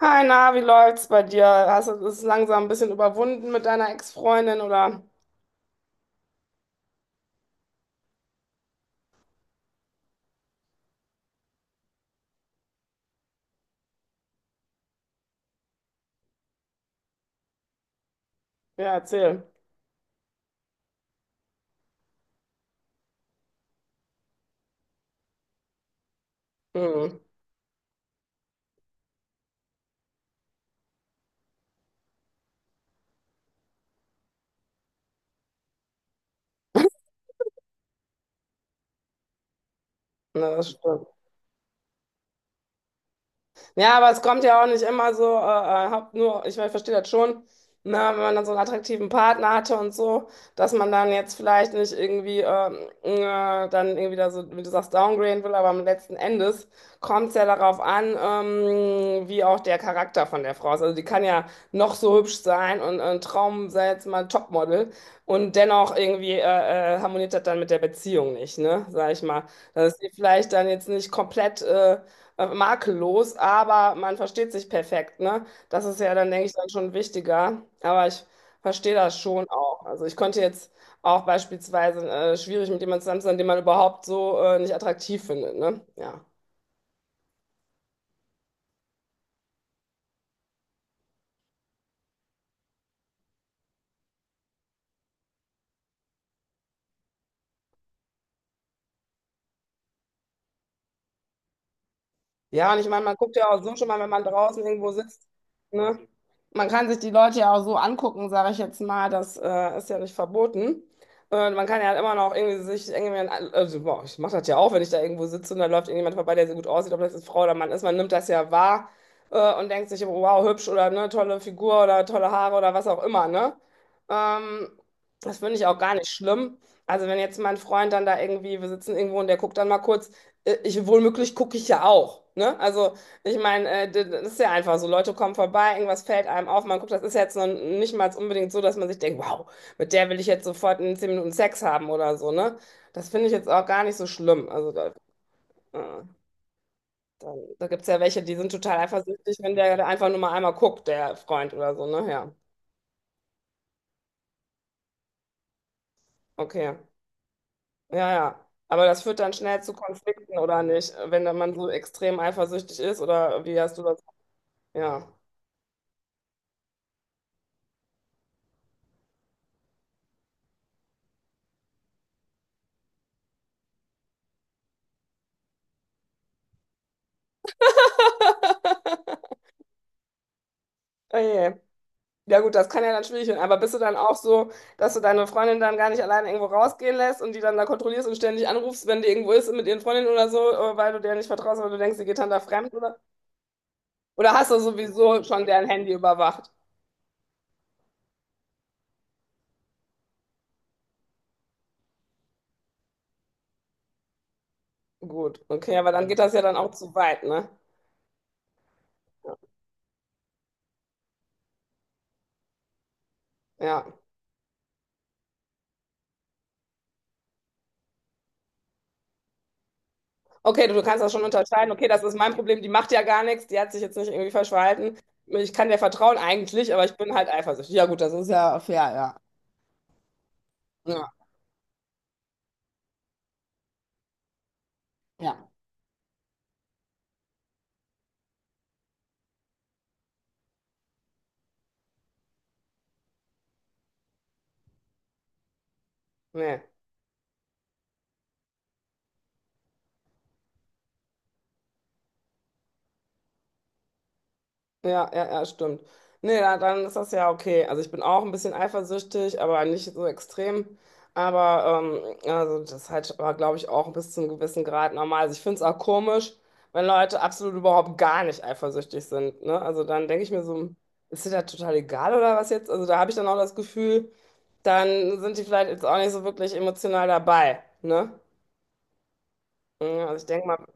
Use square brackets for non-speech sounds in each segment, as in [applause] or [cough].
Hi, na, wie läuft's bei dir? Hast du es langsam ein bisschen überwunden mit deiner Ex-Freundin oder? Ja, erzähl. Hm, na, das stimmt. Ja, aber es kommt ja auch nicht immer so, haupt nur, ich, mein, ich verstehe das schon, ne, wenn man dann so einen attraktiven Partner hatte und so, dass man dann jetzt vielleicht nicht irgendwie dann irgendwie da so, wie du sagst, downgraden will, aber am letzten Endes kommt es ja darauf an, wie auch der Charakter von der Frau ist. Also die kann ja noch so hübsch sein und ein Traum sei jetzt mal ein Topmodel und dennoch irgendwie harmoniert das dann mit der Beziehung nicht, ne, sag ich mal. Dass sie vielleicht dann jetzt nicht komplett... makellos, aber man versteht sich perfekt, ne? Das ist ja dann, denke ich, dann schon wichtiger. Aber ich verstehe das schon auch. Also ich konnte jetzt auch beispielsweise schwierig mit jemandem zusammen sein, den man überhaupt so nicht attraktiv findet, ne? Ja. Ja, und ich meine, man guckt ja auch so schon mal, wenn man draußen irgendwo sitzt, ne? Man kann sich die Leute ja auch so angucken, sage ich jetzt mal, das ist ja nicht verboten. Und man kann ja halt immer noch irgendwie sich irgendwie, also, boah, ich mache das ja auch, wenn ich da irgendwo sitze und da läuft irgendjemand vorbei, der so gut aussieht, ob das jetzt Frau oder Mann ist, man nimmt das ja wahr, und denkt sich, wow, hübsch oder ne, tolle Figur oder tolle Haare oder was auch immer, ne? Ähm, das finde ich auch gar nicht schlimm. Also wenn jetzt mein Freund dann da irgendwie, wir sitzen irgendwo und der guckt dann mal kurz, ich wohlmöglich gucke ich ja auch. Ne? Also, ich meine, das ist ja einfach so. Leute kommen vorbei, irgendwas fällt einem auf, man guckt, das ist jetzt noch nicht mal unbedingt so, dass man sich denkt, wow, mit der will ich jetzt sofort in 10 Minuten Sex haben oder so, ne? Das finde ich jetzt auch gar nicht so schlimm. Also, äh, da gibt es ja welche, die sind total eifersüchtig, wenn der da einfach nur mal einmal guckt, der Freund oder so, ne? Ja, okay. Ja, ja. Aber das führt dann schnell zu Konflikten, oder nicht? Wenn dann man so extrem eifersüchtig ist, oder wie hast du das? Ja. Oh je. Ja gut, das kann ja dann schwierig werden, aber bist du dann auch so, dass du deine Freundin dann gar nicht alleine irgendwo rausgehen lässt und die dann da kontrollierst und ständig anrufst, wenn die irgendwo ist mit ihren Freundinnen oder so, weil du der nicht vertraust, weil du denkst, die geht dann da fremd oder? Oder hast du sowieso schon deren Handy überwacht? Gut, okay, aber dann geht das ja dann auch zu weit, ne? Ja. Okay, du kannst das schon unterscheiden. Okay, das ist mein Problem, die macht ja gar nichts, die hat sich jetzt nicht irgendwie falsch verhalten. Ich kann der vertrauen eigentlich, aber ich bin halt eifersüchtig. Ja gut, das ist ja fair, ja. Ja, ja. Nee. Ja, ja, ja, stimmt. Nee, da, dann ist das ja okay. Also ich bin auch ein bisschen eifersüchtig, aber nicht so extrem. Aber also das ist halt, glaube ich, auch bis zu einem gewissen Grad normal. Also ich finde es auch komisch, wenn Leute absolut überhaupt gar nicht eifersüchtig sind. Ne? Also dann denke ich mir so, ist dir das total egal oder was jetzt? Also da habe ich dann auch das Gefühl, dann sind die vielleicht jetzt auch nicht so wirklich emotional dabei. Ne? Ja, also ich denke mal.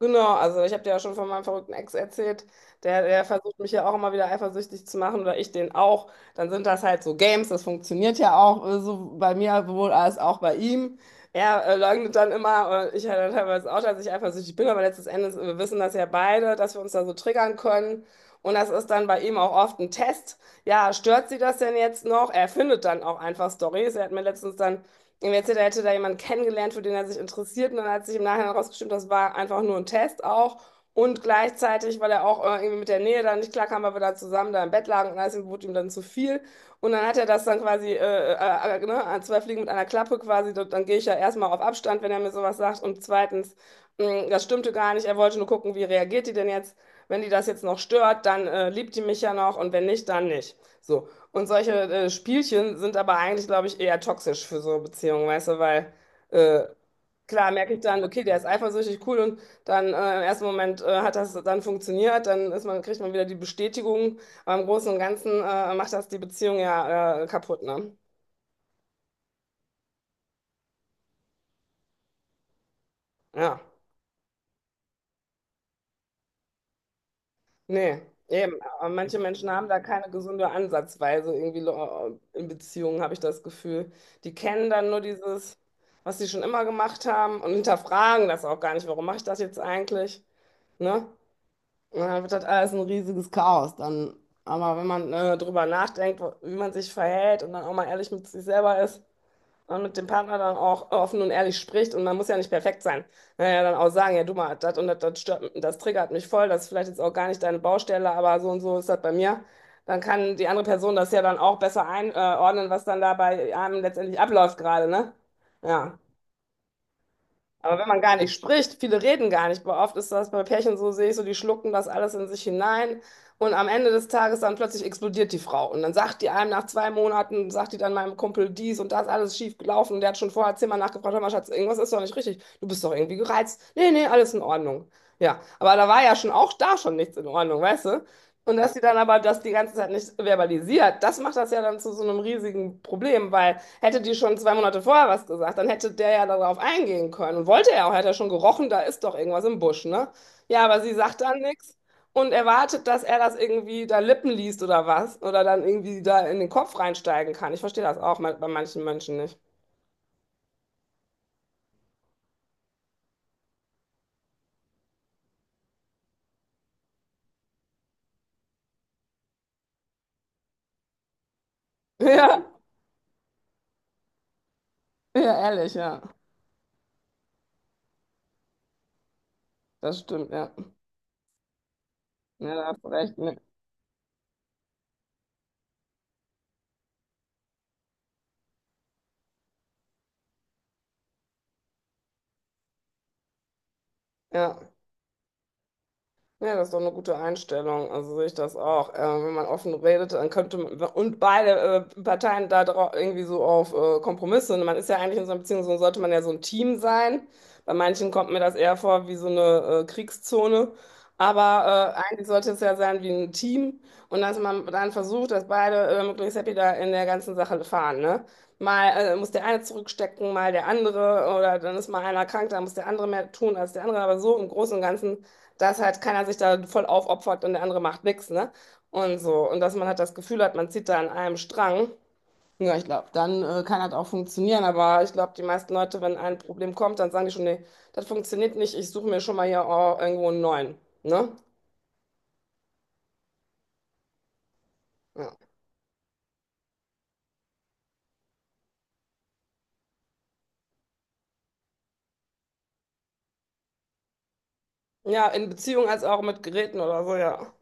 Genau, also ich habe dir ja schon von meinem verrückten Ex erzählt, der versucht mich ja auch immer wieder eifersüchtig zu machen oder ich den auch. Dann sind das halt so Games, das funktioniert ja auch so bei mir wohl als auch bei ihm. Er leugnet dann immer, ich ja dann teilweise auch, dass ich eifersüchtig bin, aber letztes Endes wir wissen das ja beide, dass wir uns da so triggern können. Und das ist dann bei ihm auch oft ein Test. Ja, stört sie das denn jetzt noch? Er findet dann auch einfach Storys. Er hat mir letztens dann ihm erzählt, er hätte da jemanden kennengelernt, für den er sich interessiert. Und dann hat sich im Nachhinein herausgestellt, das war einfach nur ein Test auch. Und gleichzeitig, weil er auch irgendwie mit der Nähe da nicht klarkam, weil wir da zusammen da im Bett lagen und alles wurde ihm dann zu viel. Und dann hat er das dann quasi, ne, zwei Fliegen mit einer Klappe quasi. Dann gehe ich ja erstmal auf Abstand, wenn er mir sowas sagt. Und zweitens, mh, das stimmte gar nicht. Er wollte nur gucken, wie reagiert die denn jetzt. Wenn die das jetzt noch stört, dann liebt die mich ja noch und wenn nicht, dann nicht. So, und solche Spielchen sind aber eigentlich, glaube ich, eher toxisch für so Beziehungen, weißt du, weil äh, klar merke ich dann, okay, der ist eifersüchtig, cool, und dann im ersten Moment hat das dann funktioniert, dann ist man, kriegt man wieder die Bestätigung, aber im Großen und Ganzen macht das die Beziehung ja kaputt, ne? Ja. Nee, eben. Aber manche Menschen haben da keine gesunde Ansatzweise irgendwie in Beziehungen, habe ich das Gefühl. Die kennen dann nur dieses, was sie schon immer gemacht haben und hinterfragen das auch gar nicht. Warum mache ich das jetzt eigentlich? Ne? Und dann wird das alles ein riesiges Chaos dann. Aber wenn man drüber nachdenkt, wie man sich verhält und dann auch mal ehrlich mit sich selber ist, und mit dem Partner dann auch offen und ehrlich spricht und man muss ja nicht perfekt sein. Naja, dann auch sagen, ja, du mal, das und das, das stört, das triggert mich voll, das ist vielleicht jetzt auch gar nicht deine Baustelle, aber so und so ist das bei mir. Dann kann die andere Person das ja dann auch besser einordnen, was dann da bei einem letztendlich abläuft gerade, ne? Ja. Aber wenn man gar nicht spricht, viele reden gar nicht. Aber oft ist das bei Pärchen so, sehe ich so, die schlucken das alles in sich hinein. Und am Ende des Tages dann plötzlich explodiert die Frau. Und dann sagt die einem nach 2 Monaten, sagt die dann meinem Kumpel dies und das, alles schief gelaufen. Und der hat schon vorher zehnmal nachgefragt, hör mal, Schatz, irgendwas ist doch nicht richtig. Du bist doch irgendwie gereizt. Nee, nee, alles in Ordnung. Ja, aber da war ja schon auch da schon nichts in Ordnung, weißt du? Und dass die dann aber das die ganze Zeit nicht verbalisiert, das macht das ja dann zu so einem riesigen Problem, weil hätte die schon 2 Monate vorher was gesagt, dann hätte der ja darauf eingehen können. Und wollte er auch, hätte er schon gerochen, da ist doch irgendwas im Busch, ne? Ja, aber sie sagt dann nichts und erwartet, dass er das irgendwie da Lippen liest oder was. Oder dann irgendwie da in den Kopf reinsteigen kann. Ich verstehe das auch bei manchen Menschen nicht. [laughs] Ja, ja, ehrlich, ja. Das stimmt, ja. Ja, da hast du recht, ne? Ja. Ja, das ist doch eine gute Einstellung. Also sehe ich das auch. Wenn man offen redet, dann könnte man, und beide Parteien irgendwie so auf Kompromisse. Und man ist ja eigentlich in so einer Beziehung, so sollte man ja so ein Team sein. Bei manchen kommt mir das eher vor wie so eine Kriegszone. Aber eigentlich sollte es ja sein wie ein Team. Und dass man dann versucht, dass beide möglichst happy da in der ganzen Sache fahren, ne? Mal muss der eine zurückstecken, mal der andere. Oder dann ist mal einer krank, dann muss der andere mehr tun als der andere. Aber so im Großen und Ganzen, dass halt keiner sich da voll aufopfert und der andere macht nichts, ne? Und so. Und dass man halt das Gefühl hat, man zieht da an einem Strang. Ja, ich glaube, dann kann das auch funktionieren. Aber ich glaube, die meisten Leute, wenn ein Problem kommt, dann sagen die schon, nee, das funktioniert nicht, ich suche mir schon mal hier oh, irgendwo einen neuen, ne? Ja. Ja, in Beziehung als auch mit Geräten oder so, ja.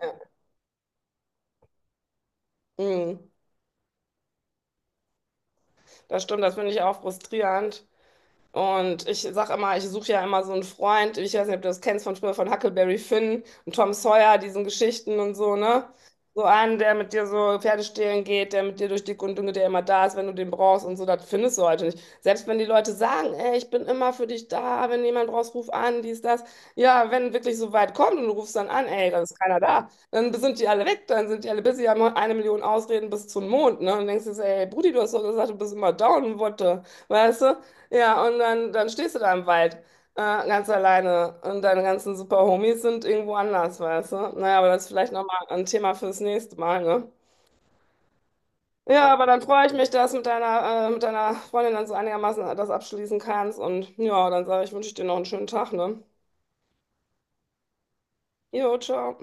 Ja. Mhm. Das stimmt, das finde ich auch frustrierend. Und ich sag immer, ich suche ja immer so einen Freund, ich weiß nicht, ob du das kennst von früher, von Huckleberry Finn und Tom Sawyer, diesen Geschichten und so, ne? So einen, der mit dir so Pferde stehlen geht, der mit dir durch dick und dünn geht, der immer da ist, wenn du den brauchst und so, das findest du heute nicht. Selbst wenn die Leute sagen, ey, ich bin immer für dich da, wenn jemand brauchst, ruf an, dies, das. Ja, wenn wirklich so weit kommt und du rufst dann an, ey, da ist keiner da, dann sind die alle weg, dann sind die alle busy, haben 1 Million Ausreden bis zum Mond, ne? Und denkst dir, so, ey, Brudi, du hast doch gesagt, du bist immer down, what the, weißt du? Ja, und dann, dann stehst du da im Wald, ganz alleine. Und deine ganzen super Homies sind irgendwo anders, weißt du? Naja, aber das ist vielleicht nochmal ein Thema fürs nächste Mal, ne? Ja, aber dann freue ich mich, dass mit deiner Freundin dann so einigermaßen das abschließen kannst. Und ja, dann sage ich, wünsche ich dir noch einen schönen Tag, ne? Jo, ciao.